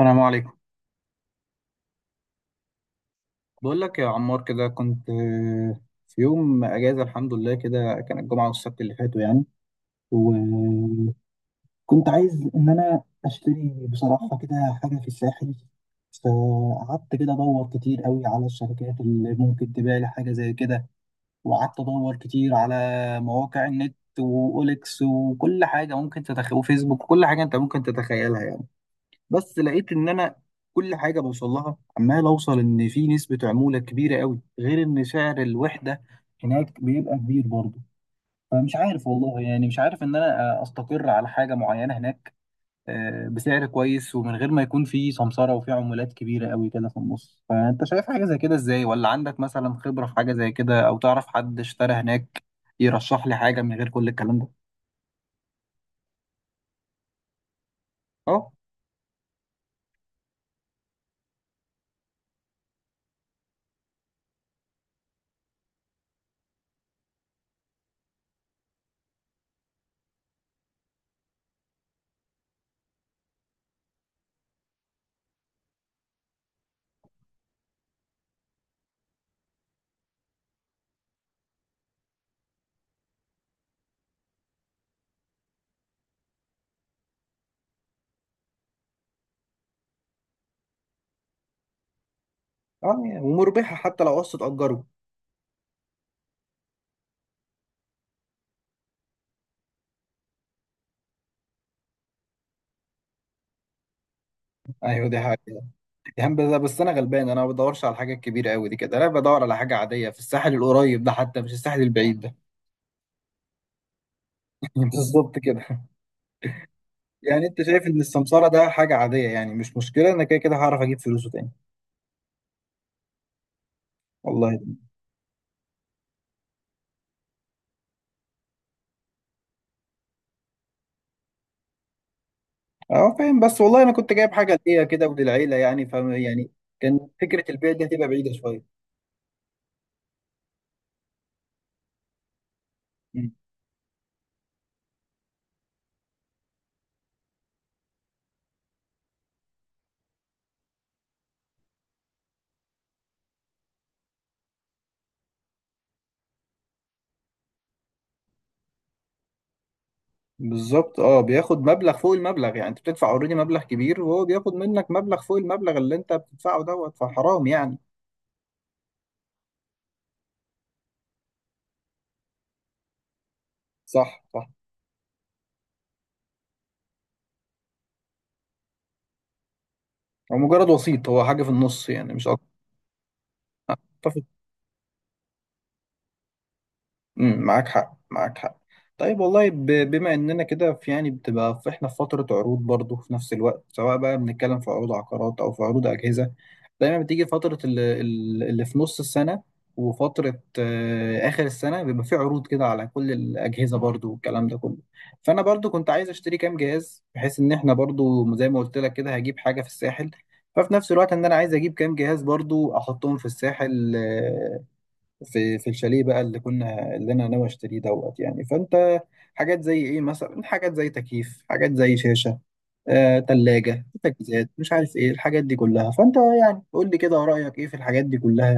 السلام عليكم. بقول لك يا عمار كده كنت في يوم اجازه، الحمد لله كده، كان الجمعه والسبت اللي فاتوا يعني. وكنت عايز ان انا اشتري بصراحه كده حاجه في الساحل. فقعدت كده ادور كتير قوي على الشركات اللي ممكن تبيع لي حاجه زي كده. وقعدت ادور كتير على مواقع النت واوليكس وكل حاجه ممكن تتخيل وفيسبوك وكل حاجه انت ممكن تتخيلها يعني. بس لقيت ان انا كل حاجه بوصل لها عمال اوصل ان في نسبه عموله كبيره قوي غير ان سعر الوحده هناك بيبقى كبير برضه. فمش عارف والله يعني، مش عارف ان انا استقر على حاجه معينه هناك بسعر كويس ومن غير ما يكون في سمسره وفي عمولات كبيره قوي كده في النص. فانت شايف حاجه زي كده ازاي؟ ولا عندك مثلا خبره في حاجه زي كده؟ او تعرف حد اشترى هناك يرشح لي حاجه من غير كل الكلام ده؟ اه. اه ومربحه حتى لو قسط اجره. ايوه دي حاجه يعني. بس انا غلبان، انا ما بدورش على الحاجه الكبيره قوي دي كده، انا بدور على حاجه عاديه في الساحل القريب ده، حتى مش الساحل البعيد ده. بالظبط كده. يعني انت شايف ان السمساره ده حاجه عاديه؟ يعني مش مشكله، انا كده كده هعرف اجيب فلوسه تاني. والله. اه فاهم، بس والله انا كنت جايب حاجه ليا كده وللعيله يعني، فاهم يعني، كان فكره البيع دي هتبقى بعيده شويه. مم. بالظبط، اه بياخد مبلغ فوق المبلغ، يعني انت بتدفع اوريدي مبلغ كبير وهو بياخد منك مبلغ فوق المبلغ اللي انت بتدفعه دوت، فحرام يعني. صح صح. هو مجرد وسيط، هو حاجه في النص يعني، مش... اتفق. معاك حق معاك حق. طيب والله بما اننا كده في، يعني بتبقى في، احنا في فتره عروض برضه في نفس الوقت، سواء بقى بنتكلم في عروض عقارات او في عروض اجهزه، دايما بتيجي فتره اللي في نص السنه وفتره اخر السنه بيبقى في عروض كده على كل الاجهزه برضه والكلام ده كله. فانا برضه كنت عايز اشتري كام جهاز، بحيث ان احنا برضه زي ما قلت لك كده هجيب حاجه في الساحل، ففي نفس الوقت ان انا عايز اجيب كام جهاز برضو احطهم في الساحل، في الشاليه بقى اللي انا ناوي اشتريه دوت يعني. فانت حاجات زي ايه، مثلا حاجات زي تكييف، حاجات زي شاشه، تلاجة، تجهيزات، مش عارف ايه الحاجات دي كلها. فانت يعني قول لي كده رأيك ايه في الحاجات دي كلها،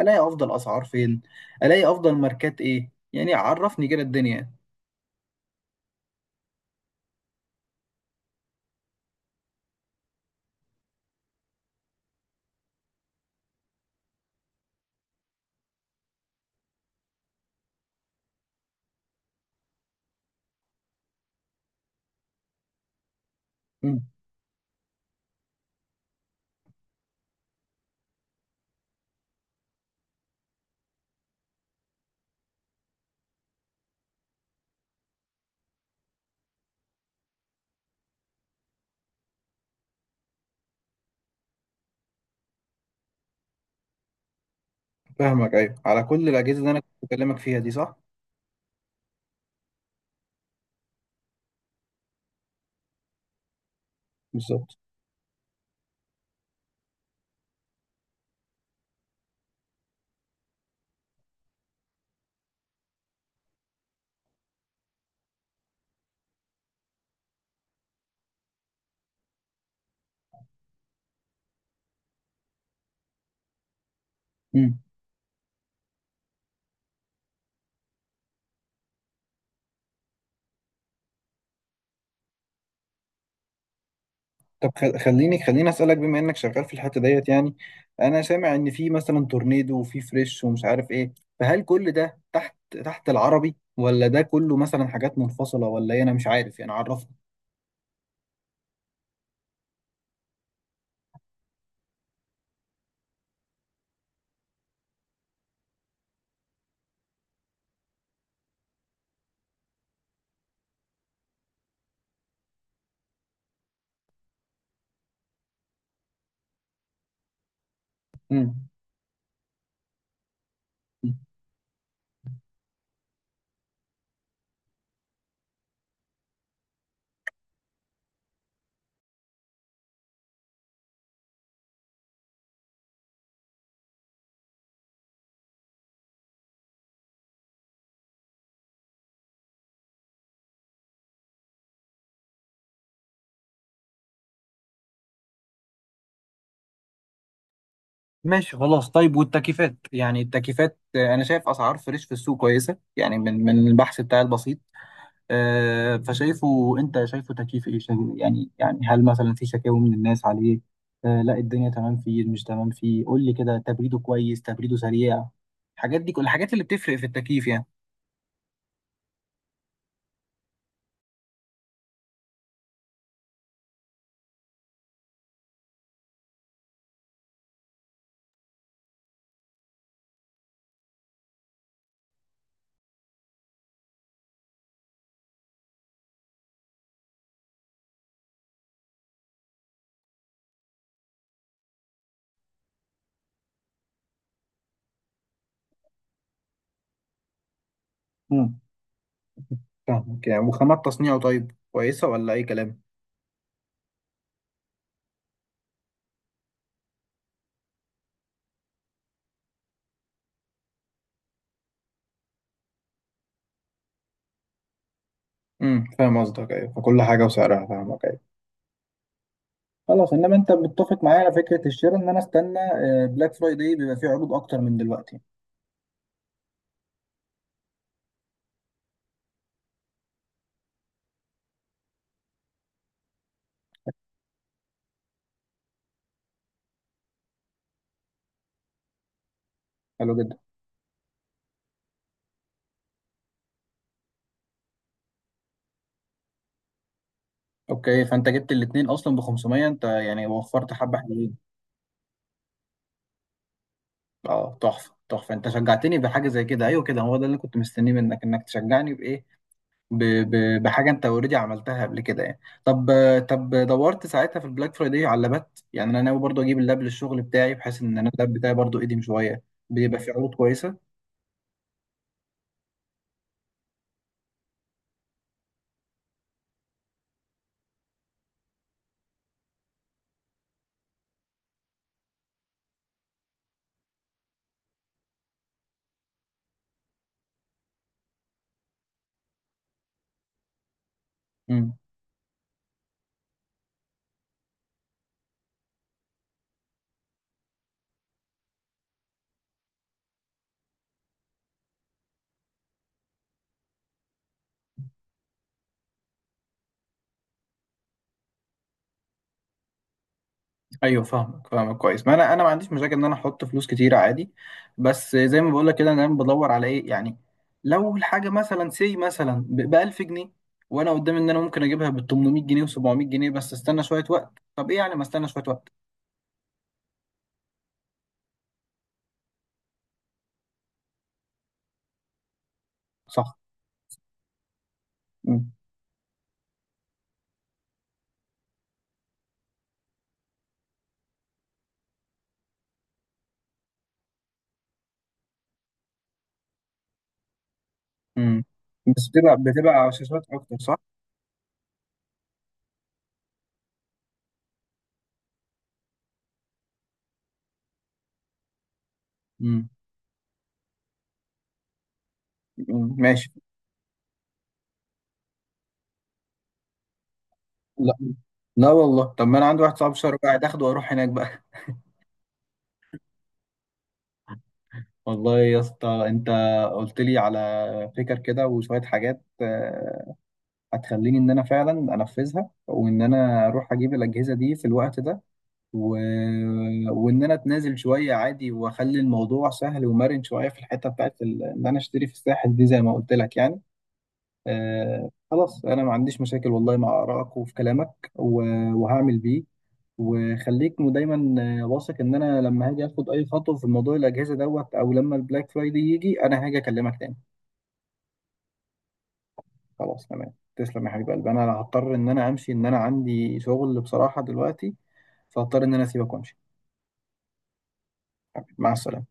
الاقي افضل اسعار فين، الاقي افضل ماركات ايه، يعني عرفني كده الدنيا. مم. فاهمك ايوه، على كل الاجهزه اللي انا كنت بكلمك فيها دي، صح. بالظبط. مم. طب خليني اسالك بما انك شغال في الحته ديت يعني، انا سامع ان في مثلا تورنيدو وفي فريش ومش عارف ايه، فهل كل ده تحت تحت العربي؟ ولا ده كله مثلا حاجات منفصله ولا ايه؟ انا مش عارف يعني، عرفني. مم. ماشي خلاص. طيب والتكييفات، يعني التكييفات انا شايف اسعار فريش في السوق كويسه يعني، من البحث بتاعي البسيط، فشايفه، انت شايفه تكييف ايه يعني يعني هل مثلا في شكاوي من الناس عليه؟ لا الدنيا تمام فيه، مش تمام فيه، قول لي كده تبريده كويس، تبريده سريع، الحاجات دي، كل الحاجات اللي بتفرق في التكييف يعني. امم. فاهمك يعني، وخامات تصنيعه طيب كويسة ولا أي كلام؟ امم، فاهم قصدك. أيوة، فكل حاجة وسعرها، فاهمك أيوة. خلاص، انما انت متفق معايا على فكره الشراء ان انا استنى بلاك فرايداي، بيبقى فيه عروض اكتر من دلوقتي. حلو جدا. اوكي، فانت جبت الاثنين اصلا ب 500، انت يعني وفرت حبه، حلوين. اه تحفه تحفه، انت شجعتني بحاجه زي كده، ايوه كده هو ده اللي كنت مستنيه منك، انك تشجعني بايه، بحاجه انت اوريدي عملتها قبل كده يعني. طب طب دورت ساعتها في البلاك فرايداي على لابات يعني، انا ناوي برضو اجيب اللاب للشغل بتاعي بحيث ان انا اللاب بتاعي برضو قديم شويه، بيبقى فيه عروض كويسه. ايوه فاهمك فاهمك كويس، ما انا ما عنديش مشاكل ان انا احط فلوس كتير عادي. بس زي ما بقول لك كده، انا دايما بدور على ايه يعني، لو الحاجه مثلا سي مثلا ب 1000 جنيه، وانا قدامي ان انا ممكن اجيبها ب 800 جنيه و700 جنيه، بس استنى شويه وقت، طب ايه يعني؟ ما استنى شويه وقت. صح. امم. أمم. بس بتبقى شاشات اكتر، صح. امم. أمم، ماشي. لا لا والله، طب ما انا عندي واحد صاحبي شهر، قاعد اخده واروح هناك بقى. والله يا اسطى انت قلت لي على فكر كده، وشويه حاجات هتخليني ان انا فعلا انفذها، وان انا اروح اجيب الاجهزه دي في الوقت ده، و... وان انا اتنازل شويه عادي، واخلي الموضوع سهل ومرن شويه في الحته بتاعت ان انا اشتري في الساحل دي زي ما قلت لك يعني. آه خلاص، انا ما عنديش مشاكل والله مع ارائك وفي كلامك وهعمل بيه. وخليك دايما واثق ان انا لما هاجي اخد اي خطوه في موضوع الاجهزه دوت او لما البلاك فرايدي يجي انا هاجي اكلمك تاني. خلاص تمام، تسلم يا حبيب قلبي. انا هضطر ان انا امشي، ان انا عندي شغل بصراحة دلوقتي، فهضطر ان انا اسيبك وامشي. مع السلامة.